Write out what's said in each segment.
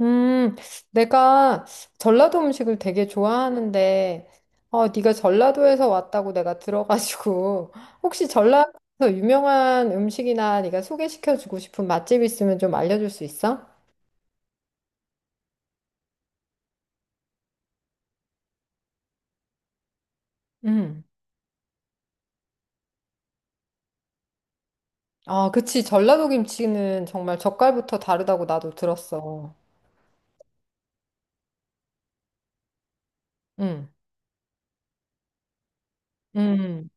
음, 내가 전라도 음식을 되게 좋아하는데, 네가 전라도에서 왔다고 내가 들어가지고, 혹시 전라도에서 유명한 음식이나 네가 소개시켜주고 싶은 맛집 있으면 좀 알려줄 수 있어? 음. 아, 그치. 전라도 김치는 정말 젓갈부터 다르다고 나도 들었어. 음. 음.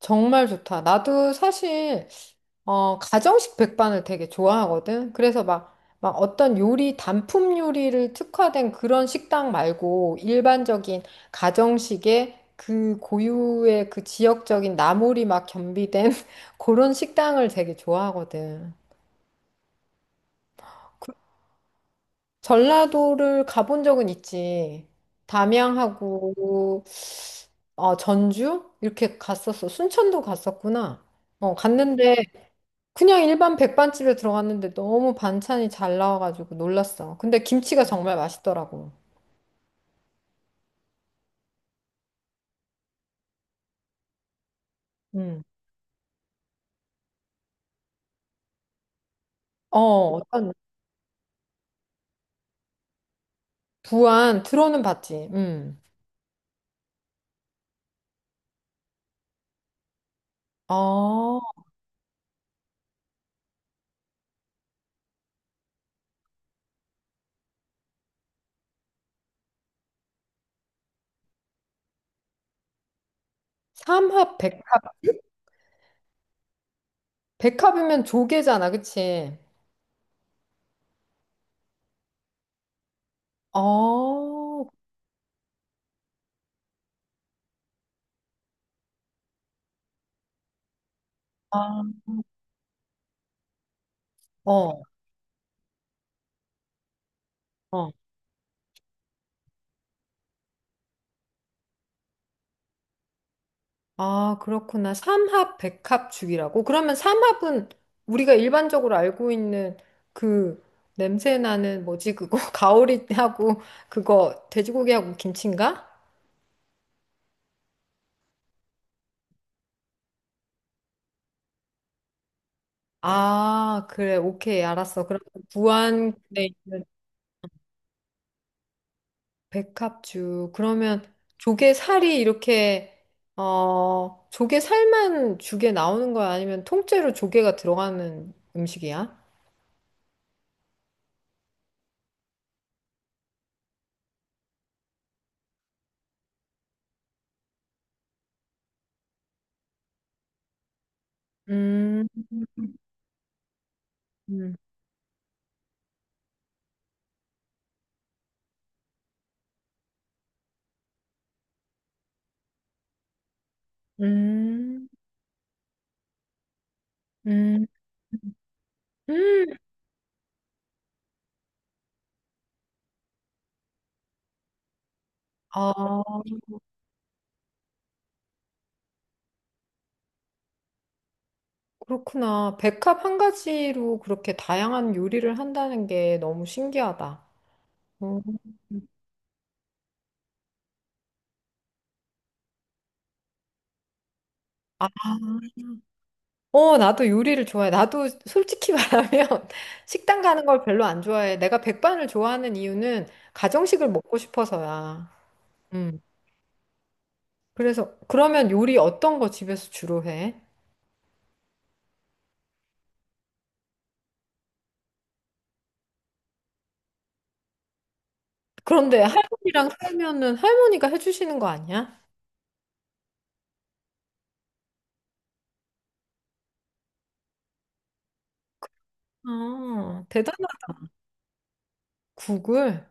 정말 좋다. 나도 사실 가정식 백반을 되게 좋아하거든. 그래서 막 어떤 요리, 단품 요리를 특화된 그런 식당 말고 일반적인 가정식의 그 고유의 그 지역적인 나물이 막 겸비된 그런 식당을 되게 좋아하거든. 전라도를 가본 적은 있지. 담양하고 전주? 이렇게 갔었어. 순천도 갔었구나. 갔는데 그냥 일반 백반집에 들어갔는데 너무 반찬이 잘 나와가지고 놀랐어. 근데 김치가 정말 맛있더라고. 음. 어, 어떤 부안 들어는 봤지. 음. 어, 삼합 백합. 백합이면 조개잖아, 그치? 어. 아. 어. 어. 아, 그렇구나. 삼합 백합죽이라고. 그러면 삼합은 우리가 일반적으로 알고 있는 그 냄새 나는 뭐지 그거 가오리하고 그거 돼지고기하고 김치인가? 아, 그래. 오케이. 알았어. 그럼 부안에 있는 백합주. 그러면 조개살이 이렇게, 조개살만 죽에 나오는 거야? 아니면 통째로 조개가 들어가는 음식이야? 음. 음. 음. 음. 음. 아, 그렇구나. 백합 한 가지로 그렇게 다양한 요리를 한다는 게 너무 신기하다. 음. 나도 요리를 좋아해. 나도 솔직히 말하면 식당 가는 걸 별로 안 좋아해. 내가 백반을 좋아하는 이유는 가정식을 먹고 싶어서야. 음. 그래서 그러면 요리 어떤 거 집에서 주로 해? 그런데 할머니랑 살면은 할머니가 해주시는 거 아니야? 아, 대단하다. 국을.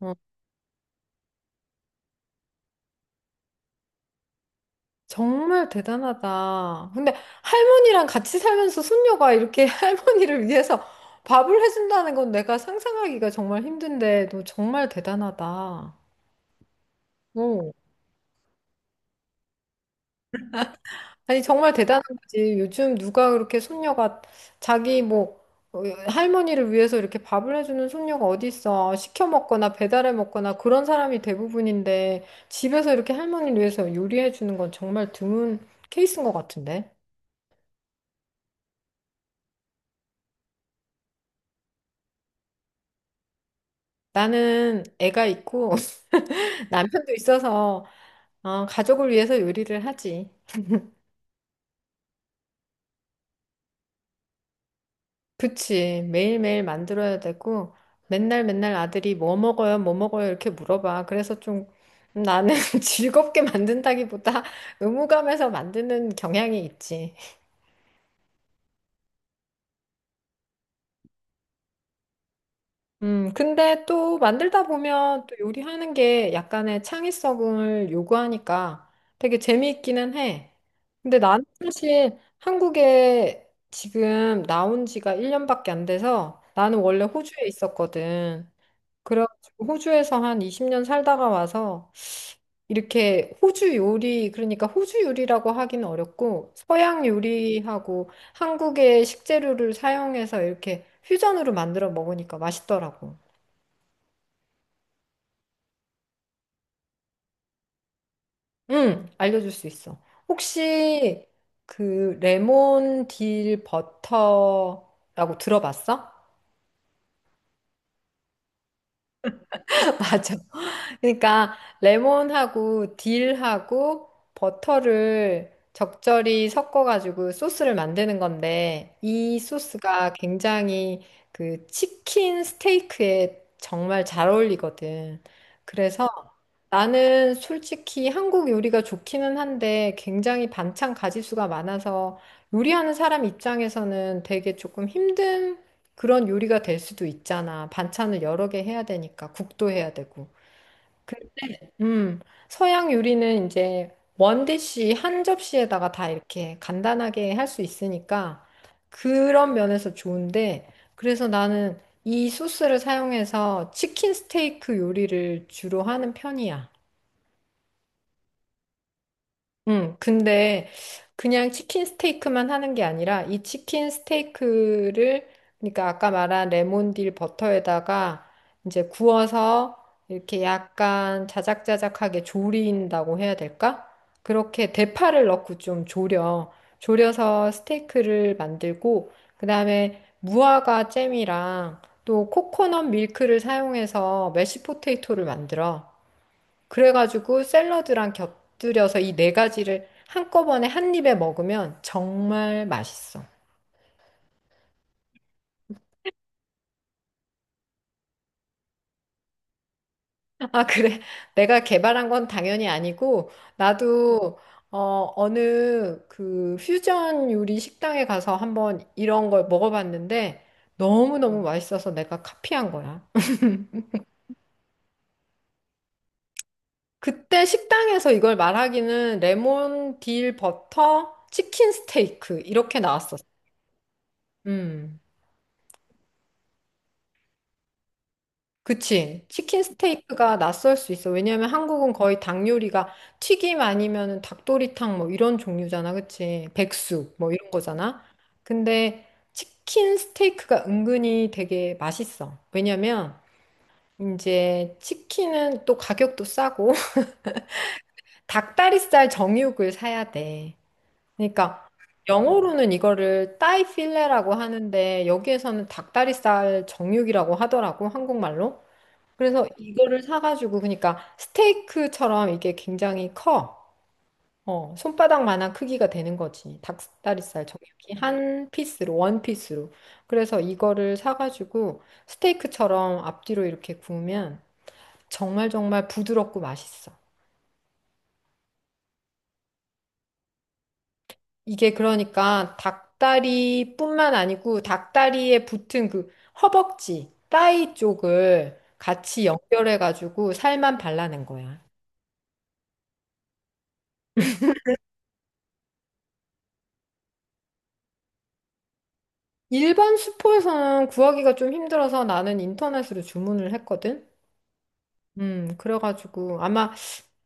어, 정말 대단하다. 근데 할머니랑 같이 살면서 손녀가 이렇게 할머니를 위해서 밥을 해준다는 건 내가 상상하기가 정말 힘든데 너 정말 대단하다. 오. 아니 정말 대단한 거지. 요즘 누가 그렇게 손녀가 자기 뭐 어, 할머니를 위해서 이렇게 밥을 해주는 손녀가 어디 있어? 시켜 먹거나 배달해 먹거나 그런 사람이 대부분인데 집에서 이렇게 할머니를 위해서 요리해 주는 건 정말 드문 케이스인 것 같은데. 나는 애가 있고 남편도 있어서 가족을 위해서 요리를 하지. 그치. 매일매일 만들어야 되고, 맨날 맨날 아들이 뭐 먹어요, 뭐 먹어요, 이렇게 물어봐. 그래서 좀 나는 즐겁게 만든다기보다 의무감에서 만드는 경향이 있지. 근데 또 만들다 보면 또 요리하는 게 약간의 창의성을 요구하니까 되게 재미있기는 해. 근데 나는 사실 한국에 지금 나온 지가 1년밖에 안 돼서 나는 원래 호주에 있었거든. 그래가지고 호주에서 한 20년 살다가 와서 이렇게 호주 요리, 그러니까 호주 요리라고 하긴 어렵고 서양 요리하고 한국의 식재료를 사용해서 이렇게 퓨전으로 만들어 먹으니까 맛있더라고. 응, 알려줄 수 있어. 혹시 그 레몬 딜 버터라고 들어봤어? 맞아. 그러니까 레몬하고 딜하고 버터를 적절히 섞어가지고 소스를 만드는 건데 이 소스가 굉장히 그 치킨 스테이크에 정말 잘 어울리거든. 그래서 나는 솔직히 한국 요리가 좋기는 한데 굉장히 반찬 가짓수가 많아서 요리하는 사람 입장에서는 되게 조금 힘든 그런 요리가 될 수도 있잖아. 반찬을 여러 개 해야 되니까 국도 해야 되고. 음, 서양 요리는 이제 원디시 한 접시에다가 다 이렇게 간단하게 할 수 있으니까 그런 면에서 좋은데 그래서 나는 이 소스를 사용해서 치킨 스테이크 요리를 주로 하는 편이야. 근데 그냥 치킨 스테이크만 하는 게 아니라 이 치킨 스테이크를 그러니까 아까 말한 레몬딜 버터에다가 이제 구워서 이렇게 약간 자작자작하게 조린다고 해야 될까? 그렇게 대파를 넣고 좀 조려. 조려서 스테이크를 만들고 그다음에 무화과 잼이랑 또 코코넛 밀크를 사용해서 메쉬 포테이토를 만들어. 그래가지고 샐러드랑 곁들여서 이 네 가지를 한꺼번에 한 입에 먹으면 정말 맛있어. 아, 그래. 내가 개발한 건 당연히 아니고, 어느 그 퓨전 요리 식당에 가서 한번 이런 걸 먹어봤는데, 너무너무 맛있어서 내가 카피한 거야. 그때 식당에서 이걸 말하기는 레몬 딜 버터 치킨 스테이크 이렇게 나왔었어. 음. 그치. 치킨 스테이크가 낯설 수 있어. 왜냐면 한국은 거의 닭 요리가 튀김 아니면은 닭도리탕 뭐 이런 종류잖아. 그치. 백숙 뭐 이런 거잖아. 근데 치킨 스테이크가 은근히 되게 맛있어. 왜냐면 이제 치킨은 또 가격도 싸고 닭다리살 정육을 사야 돼. 그러니까 영어로는 이거를 따이 필레라고 하는데 여기에서는 닭다리살 정육이라고 하더라고. 한국말로. 그래서 이거를 사가지고 그러니까 스테이크처럼 이게 굉장히 커. 손바닥만한 크기가 되는 거지. 닭다리살 정육이 한 피스로, 원 피스로. 그래서 이거를 사가지고 스테이크처럼 앞뒤로 이렇게 구우면 정말 정말 부드럽고 맛있어. 이게 그러니까 닭다리뿐만 아니고 닭다리에 붙은 그 허벅지, 따위 쪽을 같이 연결해가지고 살만 발라낸 거야. 일반 슈퍼에서는 구하기가 좀 힘들어서 나는 인터넷으로 주문을 했거든. 그래가지고 아마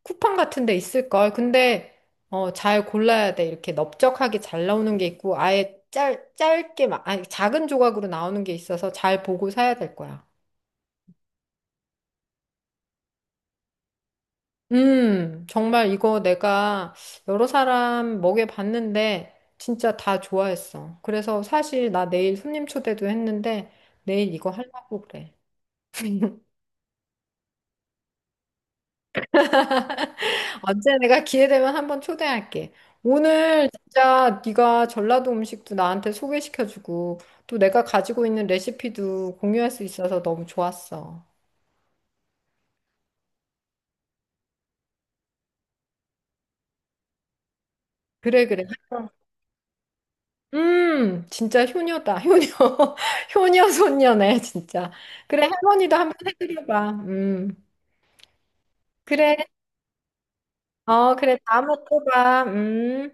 쿠팡 같은 데 있을걸. 근데 어, 잘 골라야 돼. 이렇게 넓적하게 잘 나오는 게 있고 아예 짧게 막 아니 작은 조각으로 나오는 게 있어서 잘 보고 사야 될 거야. 정말 이거 내가 여러 사람 먹여봤는데 진짜 다 좋아했어. 그래서 사실 나 내일 손님 초대도 했는데 내일 이거 하려고 그래. 언제 내가 기회 되면 한번 초대할게. 오늘 진짜 네가 전라도 음식도 나한테 소개시켜주고 또 내가 가지고 있는 레시피도 공유할 수 있어서 너무 좋았어. 그래 그래. 진짜 효녀다. 효녀. 효녀 손녀네, 진짜. 그래, 할머니도 한번 해드려봐. 음. 그래. 어, 그래. 다음에 또 봐. 음.